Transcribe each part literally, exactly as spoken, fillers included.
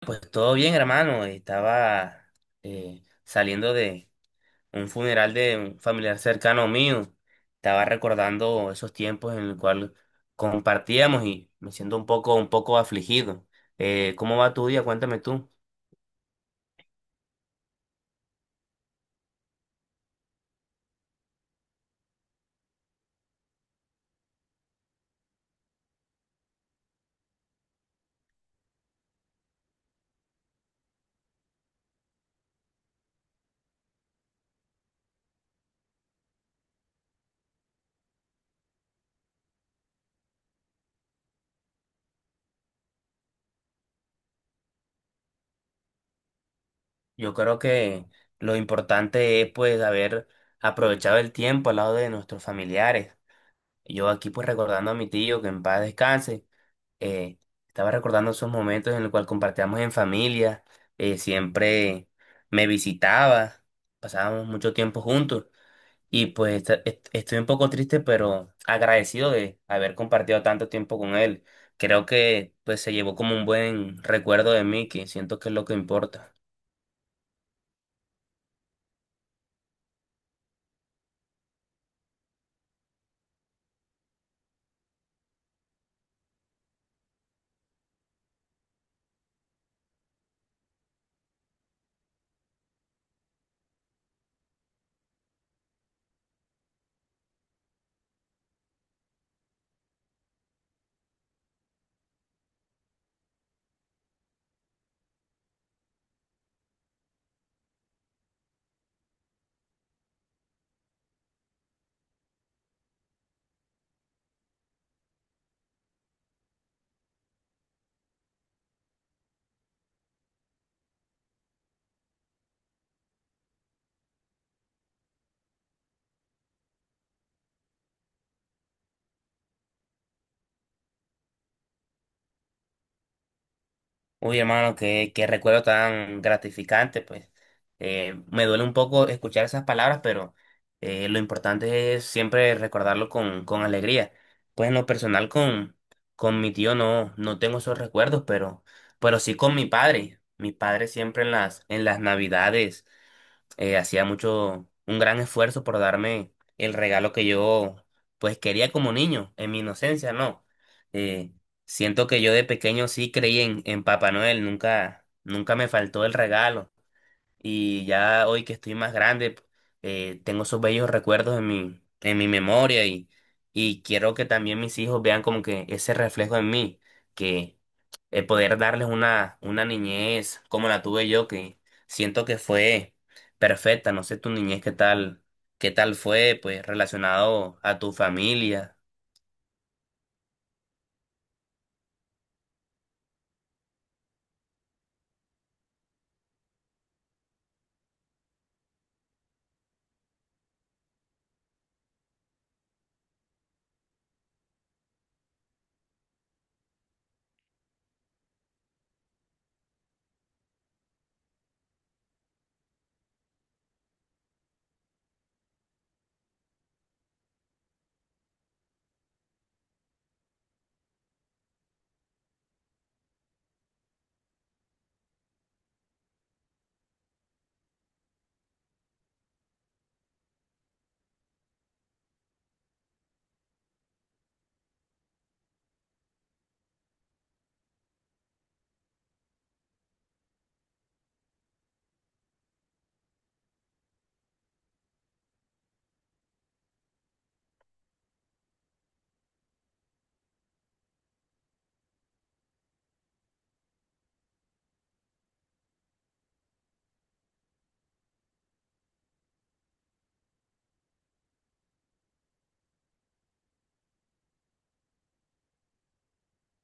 Pues todo bien, hermano. Estaba eh, saliendo de un funeral de un familiar cercano mío. Estaba recordando esos tiempos en los cuales compartíamos y me siento un poco, un poco afligido. Eh, ¿cómo va tu día? Cuéntame tú. Yo creo que lo importante es pues haber aprovechado el tiempo al lado de nuestros familiares. Yo aquí pues recordando a mi tío que en paz descanse, eh, estaba recordando esos momentos en los cuales compartíamos en familia, eh, siempre me visitaba, pasábamos mucho tiempo juntos y pues esta- est- estoy un poco triste, pero agradecido de haber compartido tanto tiempo con él. Creo que pues se llevó como un buen recuerdo de mí, que siento que es lo que importa. Uy, hermano, qué, qué recuerdo tan gratificante, pues. Eh, me duele un poco escuchar esas palabras, pero eh, lo importante es siempre recordarlo con, con alegría. Pues en lo personal con, con mi tío no, no tengo esos recuerdos, pero, pero sí con mi padre. Mi padre siempre en las, en las navidades eh, hacía mucho, un gran esfuerzo por darme el regalo que yo pues quería como niño, en mi inocencia, no. Eh, Siento que yo de pequeño sí creí en, en Papá Noel, nunca, nunca me faltó el regalo. Y ya hoy que estoy más grande, eh, tengo esos bellos recuerdos en mi, en mi memoria y, y quiero que también mis hijos vean como que ese reflejo en mí, que eh, poder darles una, una niñez como la tuve yo, que siento que fue perfecta. No sé tu niñez qué tal, qué tal fue, pues relacionado a tu familia.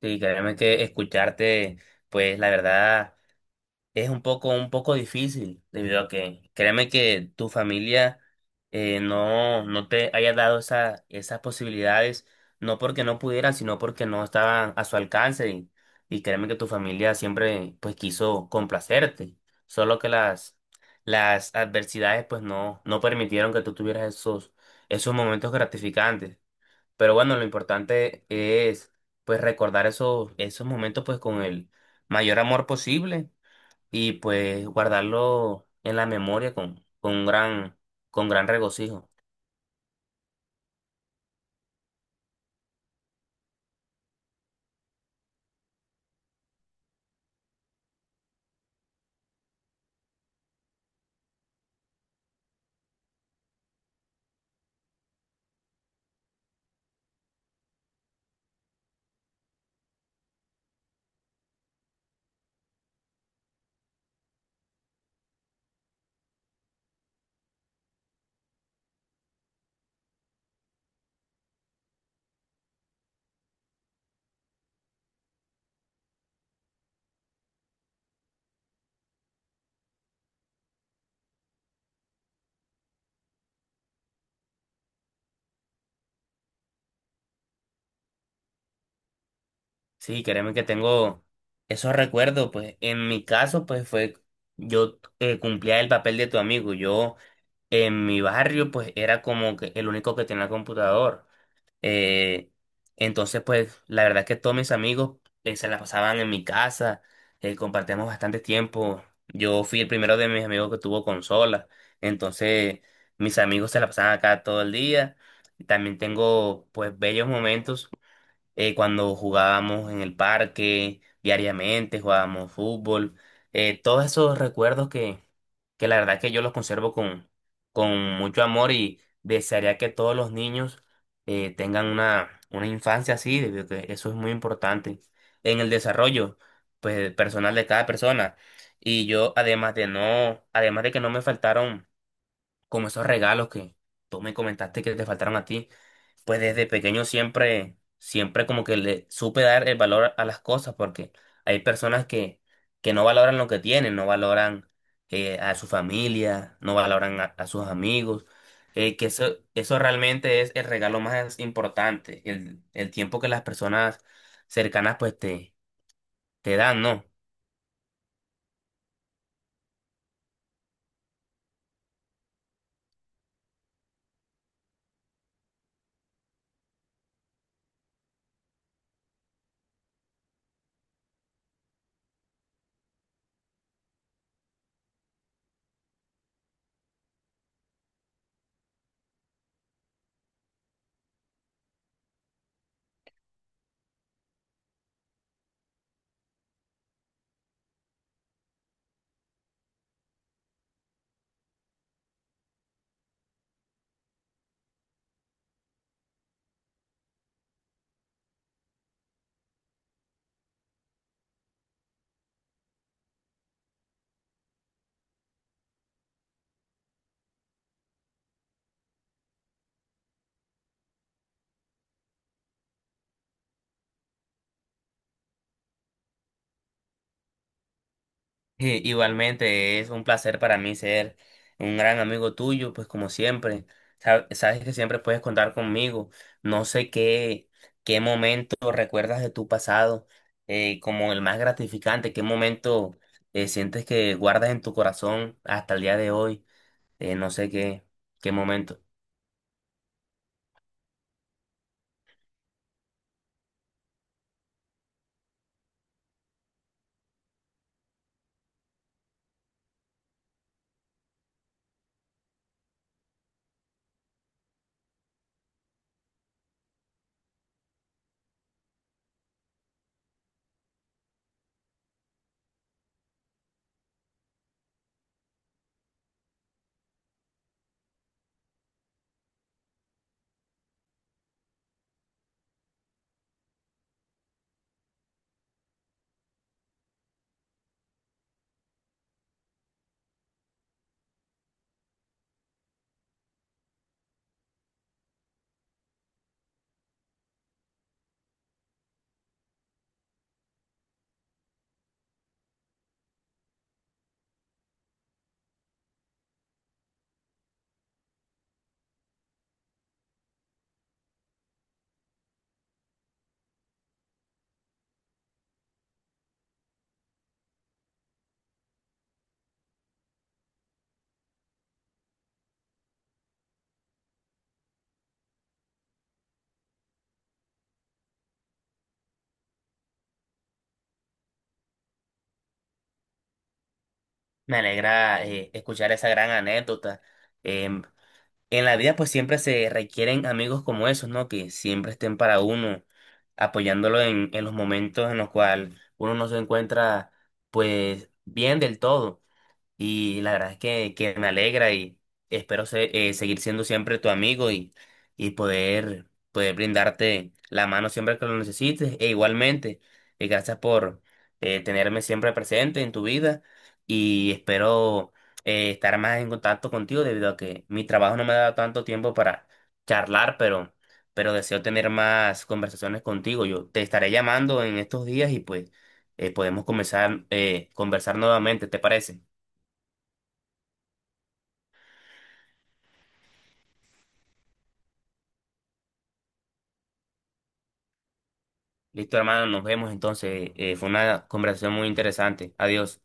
Y créeme que escucharte, pues la verdad. Es un poco, un poco difícil, debido a que créeme que tu familia eh, no, no te haya dado esa, esas posibilidades, no porque no pudieran, sino porque no estaban a su alcance. Y, y créeme que tu familia siempre pues quiso complacerte, solo que las, las adversidades pues no, no permitieron que tú tuvieras esos, esos momentos gratificantes. Pero bueno, lo importante es pues recordar esos, esos momentos pues con el mayor amor posible y pues guardarlo en la memoria con, con un gran, con gran regocijo. Sí, créeme que tengo esos recuerdos, pues en mi caso, pues fue, yo eh, cumplía el papel de tu amigo, yo en mi barrio, pues era como que el único que tenía computador. Eh, entonces, pues, la verdad es que todos mis amigos eh, se la pasaban en mi casa, eh, compartíamos bastante tiempo. Yo fui el primero de mis amigos que tuvo consola, entonces mis amigos se la pasaban acá todo el día. También tengo, pues, bellos momentos eh, cuando jugábamos en el parque diariamente, jugábamos fútbol, eh, todos esos recuerdos que, que la verdad que yo los conservo con, con mucho amor y desearía que todos los niños eh, tengan una, una infancia así, debido a que eso es muy importante en el desarrollo pues, personal de cada persona. Y yo, además de no, además de que no me faltaron como esos regalos que tú me comentaste que te faltaron a ti, pues desde pequeño siempre, siempre como que le supe dar el valor a las cosas, porque hay personas que, que no valoran lo que tienen, no valoran eh, a su familia, no valoran a, a sus amigos, eh, que eso, eso realmente es el regalo más importante, el, el tiempo que las personas cercanas pues te, te dan, ¿no? Eh, igualmente, es un placer para mí ser un gran amigo tuyo, pues como siempre, Sa- sabes que siempre puedes contar conmigo. No sé qué, qué momento recuerdas de tu pasado eh, como el más gratificante, qué momento eh, sientes que guardas en tu corazón hasta el día de hoy, eh, no sé qué, qué momento. Me alegra eh, escuchar esa gran anécdota. Eh, En la vida pues siempre se requieren amigos como esos, ¿no? Que siempre estén para uno, apoyándolo en, en los momentos en los cuales uno no se encuentra pues bien del todo. Y la verdad es que, que me alegra y espero ser- eh, seguir siendo siempre tu amigo y, y poder, poder brindarte la mano siempre que lo necesites. E igualmente, eh, gracias por eh, tenerme siempre presente en tu vida y espero eh, estar más en contacto contigo debido a que mi trabajo no me ha dado tanto tiempo para charlar, pero, pero deseo tener más conversaciones contigo. Yo te estaré llamando en estos días y pues eh, podemos comenzar eh, conversar nuevamente, ¿te parece? Listo, hermano, nos vemos entonces. Eh, fue una conversación muy interesante. Adiós.